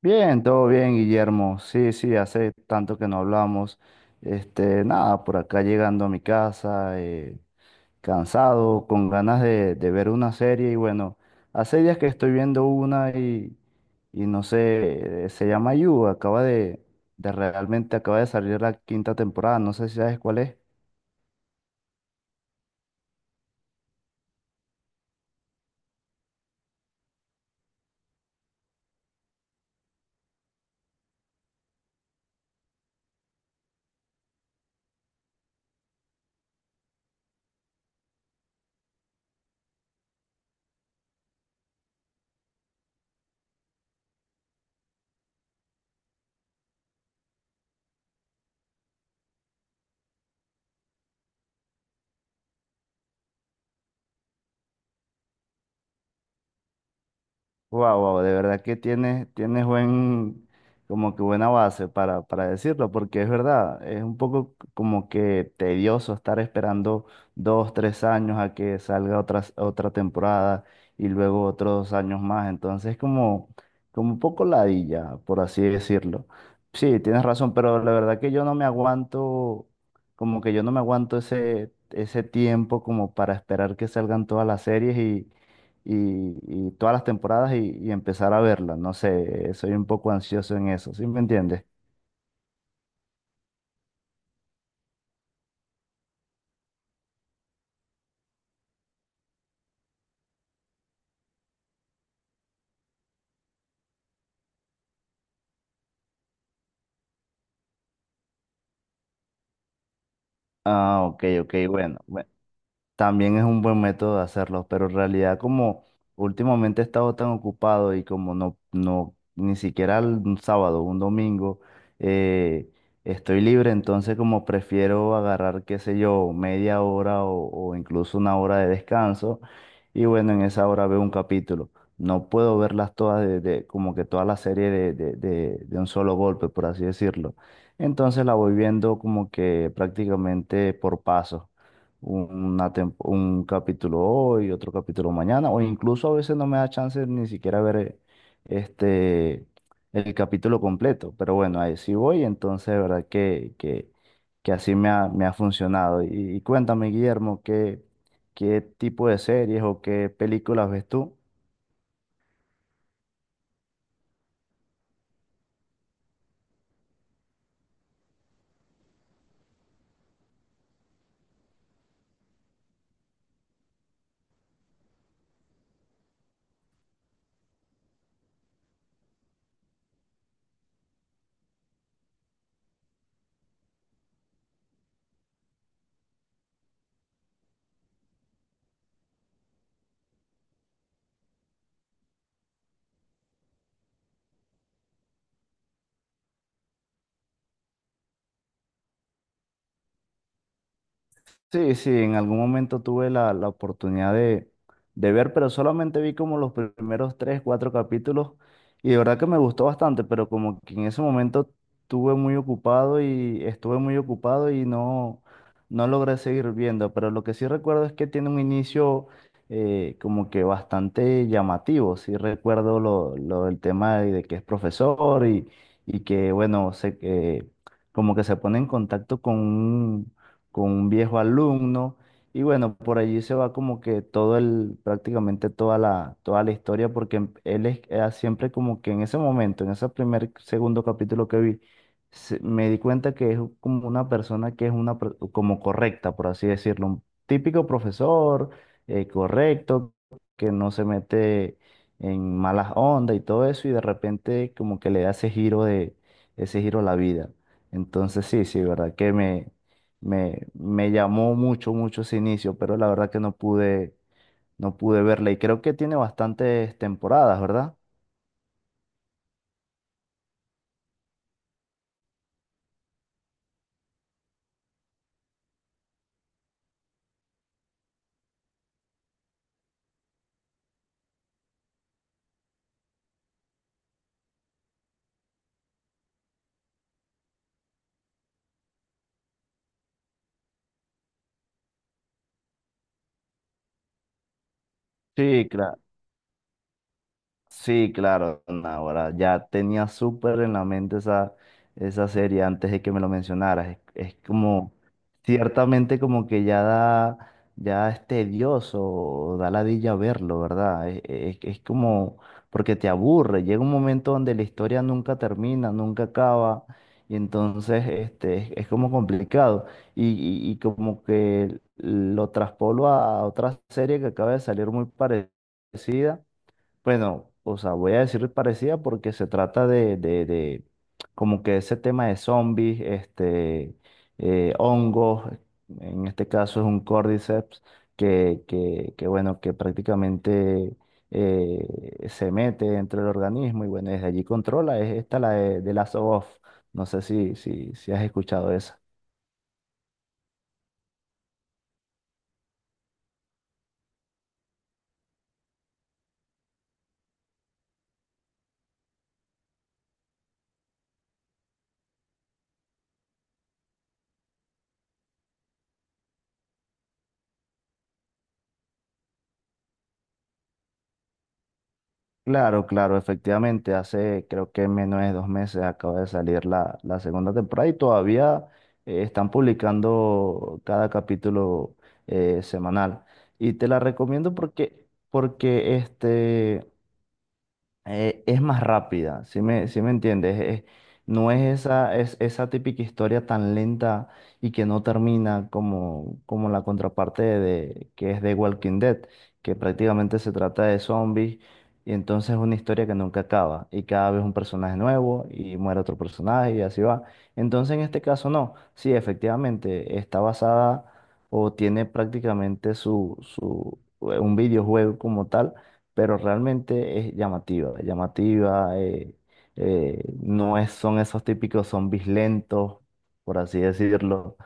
Bien, todo bien, Guillermo. Sí, sí, hace tanto que no hablamos. Este, nada, por acá llegando a mi casa, cansado, con ganas de, ver una serie. Y bueno, hace días que estoy viendo una y no sé, se llama You. Acaba de salir la quinta temporada. No sé si sabes cuál es. Wow, wow, de verdad que tienes como que buena base para decirlo, porque es verdad, es un poco como que tedioso estar esperando 2, 3 años a que salga otra temporada y luego otros años más. Entonces, como un poco ladilla, por así decirlo. Sí, tienes razón, pero la verdad que yo no me aguanto, como que yo no me aguanto ese tiempo como para esperar que salgan todas las series y todas las temporadas y empezar a verlas. No sé, soy un poco ansioso en eso, ¿sí me entiendes? Ah, ok, ok, bueno, bueno. También es un buen método de hacerlo, pero en realidad como últimamente he estado tan ocupado y como no, no, ni siquiera un sábado, un domingo, eh, estoy libre, entonces como prefiero agarrar, qué sé yo, media hora o incluso una hora de descanso y bueno, en esa hora veo un capítulo. No puedo verlas todas como que toda la serie de un solo golpe, por así decirlo. Entonces la voy viendo como que prácticamente por pasos un capítulo hoy, otro capítulo mañana, o incluso a veces no me da chance ni siquiera ver este, el capítulo completo, pero bueno, ahí sí voy, entonces de verdad que así me ha funcionado. Y cuéntame, Guillermo, ¿qué tipo de series o qué películas ves tú? Sí, sí, en algún momento tuve la oportunidad de ver, pero solamente vi como los primeros tres, cuatro capítulos y de verdad que me gustó bastante, pero como que en ese momento estuve muy ocupado y no, no logré seguir viendo, pero lo que sí recuerdo es que tiene un inicio como que bastante llamativo, sí recuerdo lo del tema de que es profesor y que bueno, que como que se pone en contacto con un viejo alumno. Y bueno, por allí se va como que prácticamente toda la historia, porque él era siempre como que en ese momento, en ese primer, segundo capítulo que vi, me di cuenta que es como una persona que es como correcta, por así decirlo, un típico profesor, correcto, que no se mete en malas ondas y todo eso, y de repente como que le da ese giro a la vida. Entonces sí, sí, verdad que me llamó mucho, mucho ese inicio, pero la verdad que no pude verla. Y creo que tiene bastantes temporadas, ¿verdad? Sí, claro. Sí, claro, ahora ya tenía súper en la mente esa serie antes de que me lo mencionaras. Es como, ciertamente como que ya da, ya es tedioso, da ladilla verlo, ¿verdad? Es como, porque te aburre, llega un momento donde la historia nunca termina, nunca acaba, y entonces es como complicado. Y como que lo traspolo a otra serie que acaba de salir muy parecida, bueno, o sea, voy a decir parecida porque se trata de como que ese tema de zombies, hongos, en este caso es un cordyceps, que bueno, que prácticamente se mete entre el organismo y bueno, desde allí controla, es esta la de Last of Us. No sé si has escuchado esa. Claro, claro, efectivamente, hace creo que menos de 2 meses acaba de salir la segunda temporada y todavía están publicando cada capítulo semanal. Y te la recomiendo porque es más rápida, si me, sí me entiendes? No es esa, es esa típica historia tan lenta y que no termina como, la contraparte que es de Walking Dead, que prácticamente se trata de zombies y entonces es una historia que nunca acaba y cada vez un personaje nuevo y muere otro personaje y así va. Entonces en este caso no, sí, efectivamente está basada o tiene prácticamente un videojuego como tal, pero realmente es llamativa, llamativa, no es, son esos típicos zombies lentos, por así decirlo.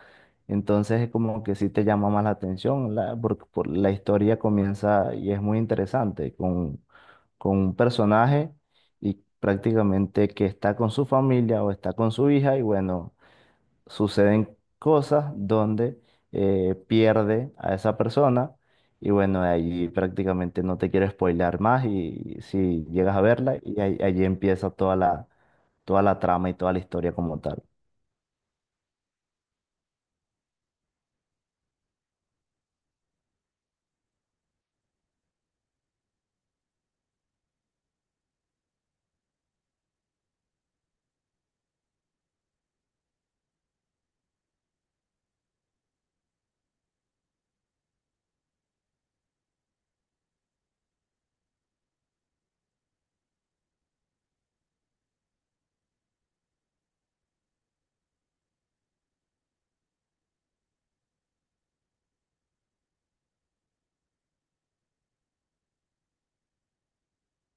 Entonces es como que sí te llama más la atención, porque la historia comienza y es muy interesante con un personaje y prácticamente que está con su familia o está con su hija y bueno, suceden cosas donde pierde a esa persona y bueno, ahí prácticamente no te quiero spoilear más, y si llegas a verla, y ahí, allí empieza toda la trama y toda la historia como tal.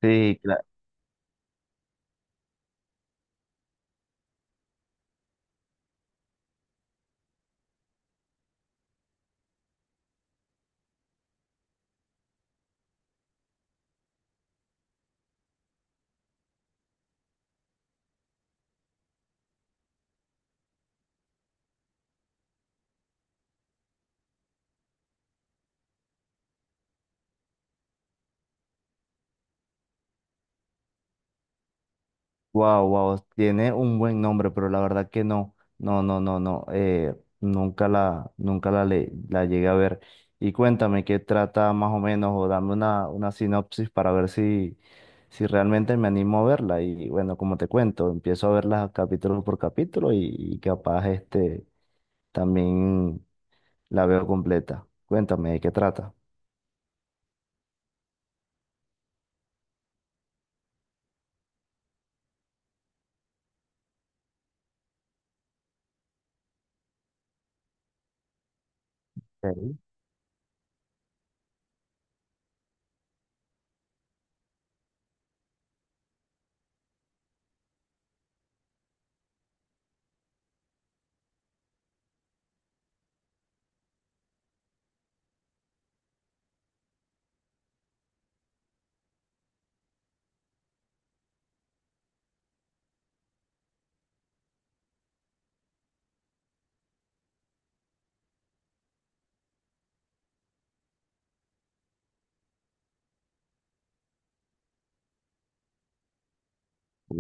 Sí, claro. Wow, wow, tiene un buen nombre, pero la verdad que no, no, no, no, no, nunca la llegué a ver. Y cuéntame qué trata más o menos, o dame una sinopsis para ver si realmente me animo a verla. Y bueno, como te cuento, empiezo a verla capítulo por capítulo y capaz este también la veo completa. Cuéntame de qué trata.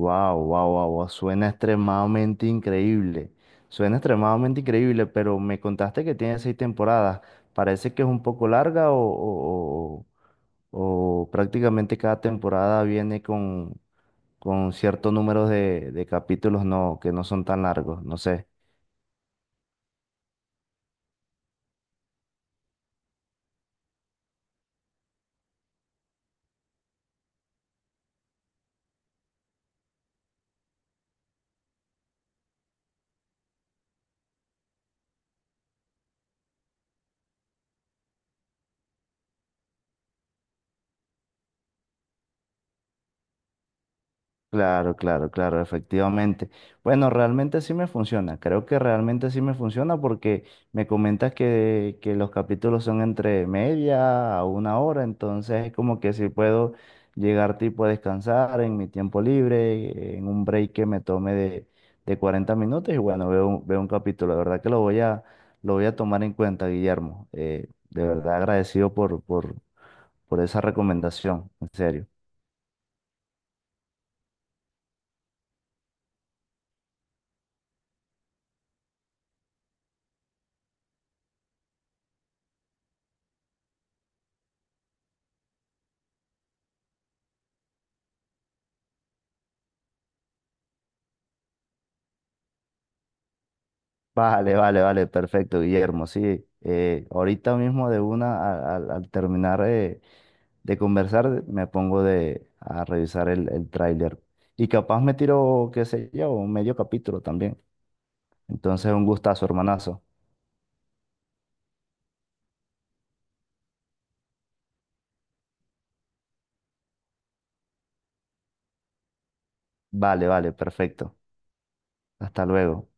Wow, wow, wow, wow, suena extremadamente increíble. Suena extremadamente increíble, pero me contaste que tiene seis temporadas. Parece que es un poco larga, o, o prácticamente cada temporada viene con cierto número de capítulos, no, que no son tan largos. No sé. Claro, claro, claro, efectivamente. Bueno, realmente sí me funciona. Creo que realmente sí me funciona porque me comentas que los capítulos son entre media a una hora, entonces es como que si puedo llegar tipo a descansar en mi tiempo libre, en un break que me tome de 40 minutos y bueno, veo un capítulo. De verdad que lo voy a tomar en cuenta, Guillermo. De verdad agradecido por esa recomendación, en serio. Vale, vale, vale, perfecto, Guillermo. Sí, ahorita mismo de una, al terminar de conversar, me pongo a revisar el tráiler. Y capaz me tiro, qué sé yo, un medio capítulo también. Entonces, un gustazo, hermanazo. Vale, vale, perfecto. Hasta luego.